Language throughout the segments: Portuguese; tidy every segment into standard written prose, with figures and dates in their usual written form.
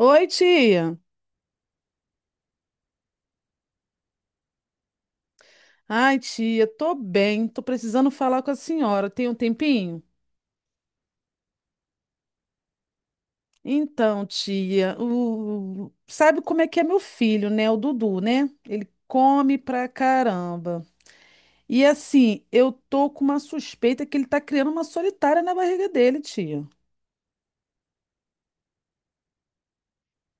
Oi, tia. Ai, tia, tô bem, tô precisando falar com a senhora. Tem um tempinho? Então, tia, sabe como é que é meu filho, né? O Dudu, né? Ele come pra caramba. E assim, eu tô com uma suspeita que ele tá criando uma solitária na barriga dele, tia.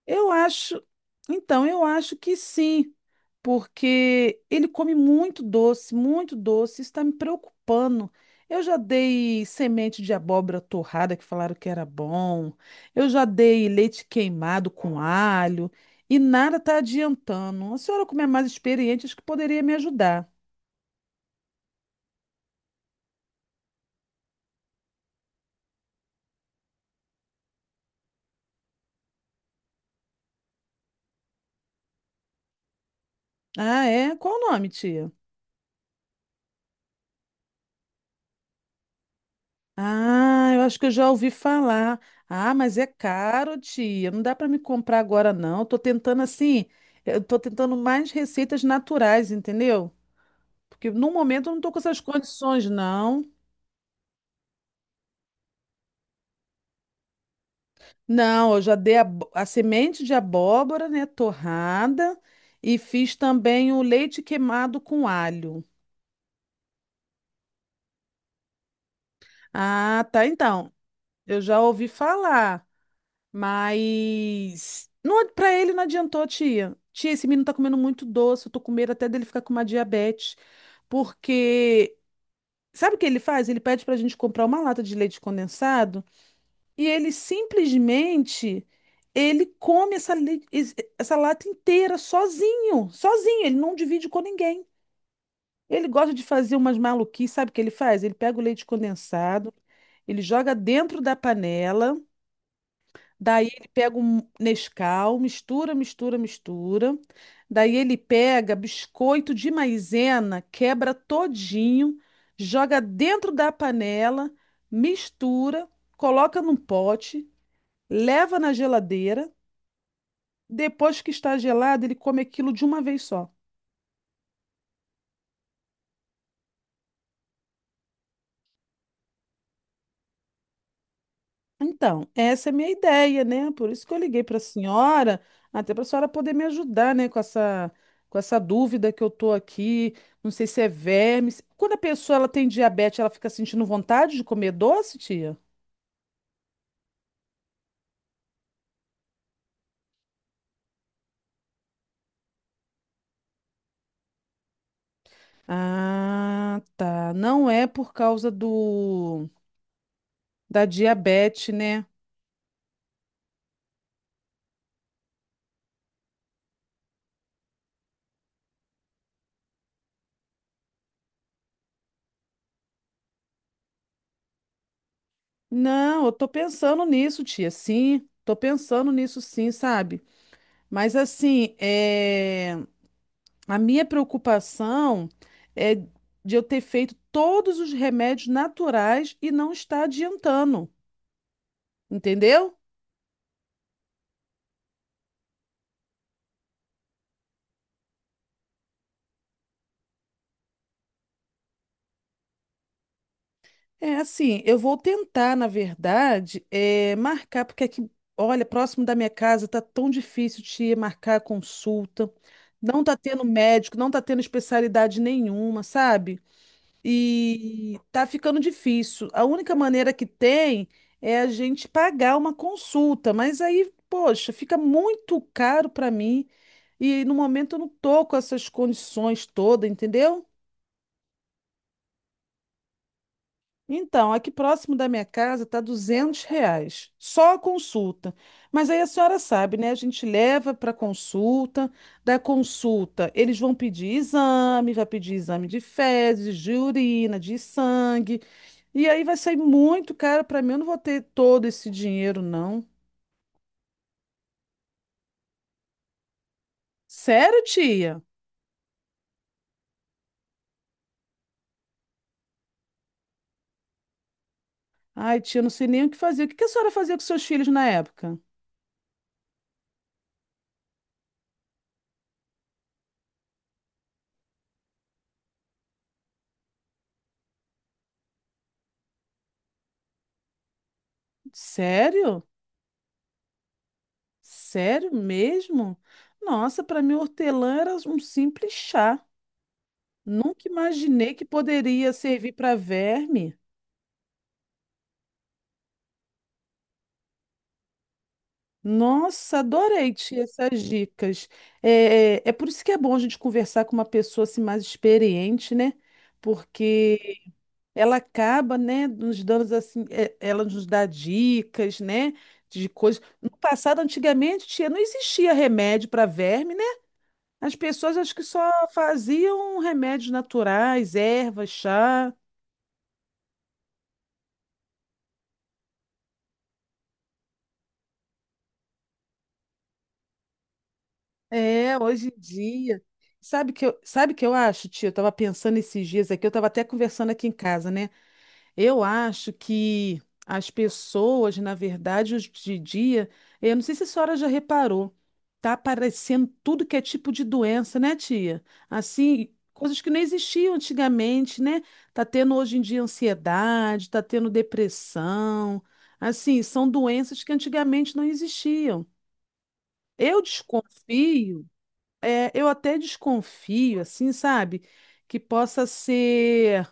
Eu acho, eu acho que sim, porque ele come muito doce, isso está me preocupando. Eu já dei semente de abóbora torrada, que falaram que era bom, eu já dei leite queimado com alho, e nada está adiantando. A senhora, como é mais experiente, acho que poderia me ajudar. Ah, é? Qual o nome, tia? Ah, eu acho que eu já ouvi falar. Ah, mas é caro, tia. Não dá para me comprar agora, não. Tô tentando assim, eu tô tentando mais receitas naturais, entendeu? Porque no momento eu não tô com essas condições, não. Não, eu já dei a semente de abóbora, né, torrada, e fiz também o leite queimado com alho. Ah, tá, então. Eu já ouvi falar. Mas não, pra ele não adiantou, tia. Tia, esse menino tá comendo muito doce, eu tô com medo até dele ficar com uma diabetes, porque sabe o que ele faz? Ele pede pra gente comprar uma lata de leite condensado e ele simplesmente ele come essa lata inteira sozinho, sozinho, ele não divide com ninguém. Ele gosta de fazer umas maluquices, sabe o que ele faz? Ele pega o leite condensado, ele joga dentro da panela. Daí ele pega um Nescau, mistura, mistura, mistura. Daí ele pega biscoito de maisena, quebra todinho, joga dentro da panela, mistura, coloca num pote, leva na geladeira. Depois que está gelado, ele come aquilo de uma vez só. Então, essa é a minha ideia, né? Por isso que eu liguei para a senhora, até para a senhora poder me ajudar, né, com essa dúvida que eu tô aqui. Não sei se é verme. Quando a pessoa ela tem diabetes, ela fica sentindo vontade de comer doce, tia? Ah, tá. Não é por causa do da diabetes, né? Não, eu tô pensando nisso, tia. Sim, tô pensando nisso, sim, sabe? Mas assim, A minha preocupação é de eu ter feito todos os remédios naturais e não estar adiantando, entendeu? É assim, eu vou tentar, na verdade, marcar, porque aqui, olha, próximo da minha casa tá tão difícil de marcar consulta, não tá tendo médico, não tá tendo especialidade nenhuma, sabe? E tá ficando difícil. A única maneira que tem é a gente pagar uma consulta, mas aí, poxa, fica muito caro para mim e no momento eu não tô com essas condições todas, entendeu? Então, aqui próximo da minha casa tá R$ 200, só a consulta. Mas aí a senhora sabe, né? A gente leva para consulta, da consulta eles vão pedir exame, vai pedir exame de fezes, de urina, de sangue. E aí vai sair muito caro para mim. Eu não vou ter todo esse dinheiro, não. Sério, tia? Ai, tia, não sei nem o que fazer. O que que a senhora fazia com seus filhos na época? Sério? Sério mesmo? Nossa, para mim, hortelã era um simples chá. Nunca imaginei que poderia servir para verme. Nossa, adorei, tia, essas dicas. É por isso que é bom a gente conversar com uma pessoa assim, mais experiente, né? Porque ela acaba, né, nos dando assim, ela nos dá dicas, né, de coisas. No passado, antigamente, tia, não existia remédio para verme, né? As pessoas acho que só faziam remédios naturais, ervas, chá. É, hoje em dia. Sabe que eu acho, tia? Eu estava pensando esses dias aqui, eu estava até conversando aqui em casa, né? Eu acho que as pessoas, na verdade, hoje em dia, eu não sei se a senhora já reparou, tá aparecendo tudo que é tipo de doença, né, tia? Assim, coisas que não existiam antigamente, né? Tá tendo hoje em dia ansiedade, tá tendo depressão. Assim, são doenças que antigamente não existiam. Eu desconfio, eu até desconfio, assim, sabe? Que possa ser.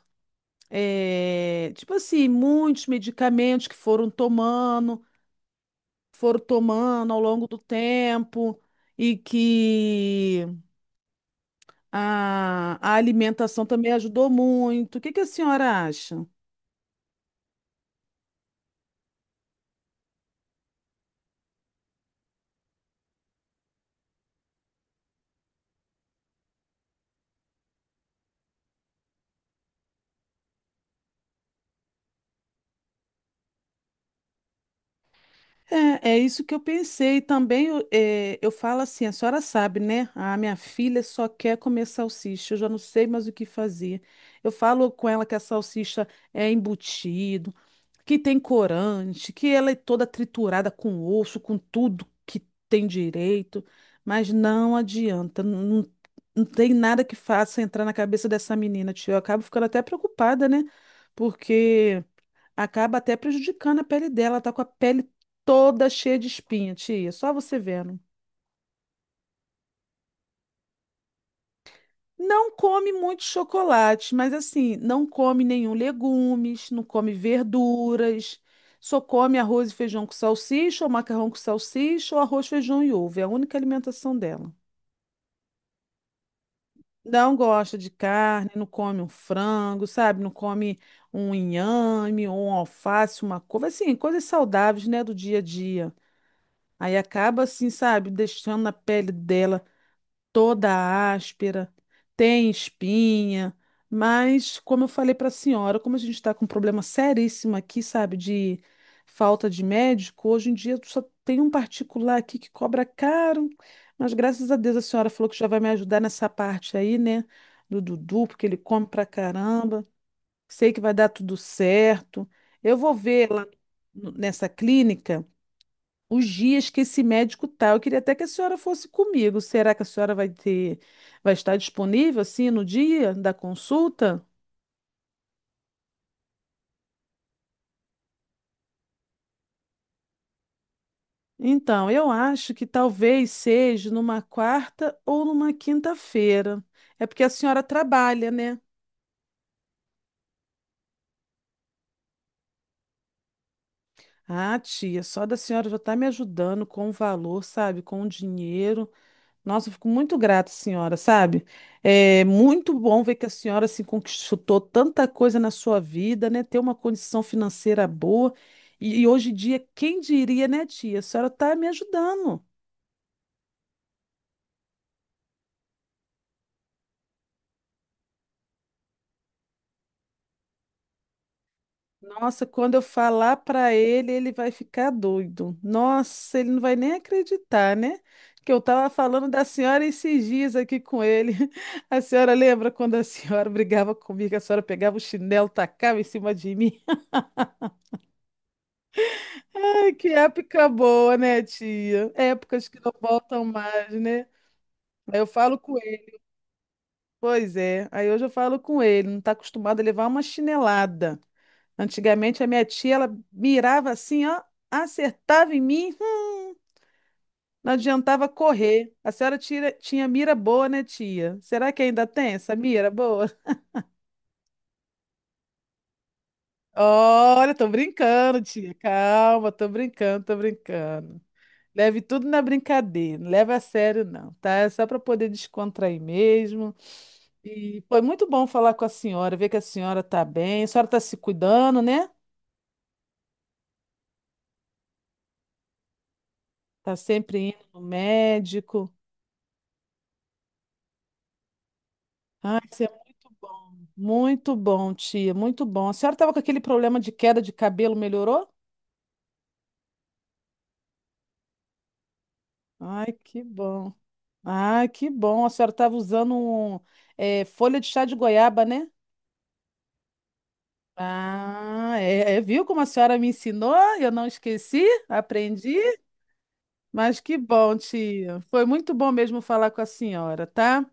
É, tipo assim, muitos medicamentos que foram tomando ao longo do tempo, e que a alimentação também ajudou muito. O que que a senhora acha? É, é isso que eu pensei também. Eu falo assim, a senhora sabe, né? A minha filha só quer comer salsicha, eu já não sei mais o que fazer. Eu falo com ela que a salsicha é embutida que tem corante, que ela é toda triturada com osso, com tudo que tem direito, mas não adianta, não, não tem nada que faça entrar na cabeça dessa menina, tio. Eu acabo ficando até preocupada, né? Porque acaba até prejudicando a pele dela, ela tá com a pele toda cheia de espinha, tia, só você vendo. Não come muito chocolate, mas assim, não come nenhum legumes, não come verduras, só come arroz e feijão com salsicha, ou macarrão com salsicha, ou arroz, feijão e ovo. É a única alimentação dela. Não gosta de carne, não come um frango, sabe? Não come um inhame, ou um alface, uma couve, assim, coisas saudáveis, né, do dia a dia. Aí acaba assim, sabe, deixando na pele dela toda áspera, tem espinha, mas como eu falei para a senhora, como a gente está com um problema seríssimo aqui, sabe, de falta de médico, hoje em dia só tem um particular aqui que cobra caro, mas graças a Deus a senhora falou que já vai me ajudar nessa parte aí, né, do Dudu, porque ele come pra caramba. Sei que vai dar tudo certo. Eu vou ver lá nessa clínica os dias que esse médico tá. Eu queria até que a senhora fosse comigo. Será que a senhora vai estar disponível assim no dia da consulta? Então, eu acho que talvez seja numa quarta ou numa quinta-feira. É porque a senhora trabalha, né? Ah, tia, só da senhora já está me ajudando com o valor, sabe? Com o dinheiro. Nossa, eu fico muito grata, senhora, sabe? É muito bom ver que a senhora se conquistou tanta coisa na sua vida, né? Ter uma condição financeira boa. E hoje em dia, quem diria, né, tia? A senhora tá me ajudando. Nossa, quando eu falar para ele, ele vai ficar doido. Nossa, ele não vai nem acreditar, né? Que eu tava falando da senhora esses dias aqui com ele. A senhora lembra quando a senhora brigava comigo, a senhora pegava o chinelo, tacava em cima de mim? Ai, que época boa, né, tia? Épocas que não voltam mais, né? Aí eu falo com ele, pois é. Aí hoje eu falo com ele, não está acostumado a levar uma chinelada. Antigamente a minha tia, ela mirava assim, ó, acertava em mim, não adiantava correr. A senhora tinha mira boa, né, tia? Será que ainda tem essa mira boa? Olha, tô brincando, tia. Calma, tô brincando, tô brincando. Leve tudo na brincadeira, não leva a sério não, tá? É só para poder descontrair mesmo. E foi muito bom falar com a senhora, ver que a senhora tá bem. A senhora tá se cuidando, né? Tá sempre indo no médico. Ah, isso é muito bom. Muito bom, tia, muito bom. A senhora tava com aquele problema de queda de cabelo, melhorou? Ai, que bom. Ai, que bom. A senhora tava usando um, folha de chá de goiaba, né? Ah, é, é, viu como a senhora me ensinou? Eu não esqueci, aprendi, mas que bom, tia. Foi muito bom mesmo falar com a senhora, tá?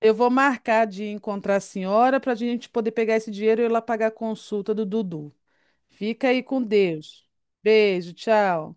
Eu vou marcar de encontrar a senhora para a gente poder pegar esse dinheiro e ir lá pagar a consulta do Dudu. Fica aí com Deus. Beijo, tchau.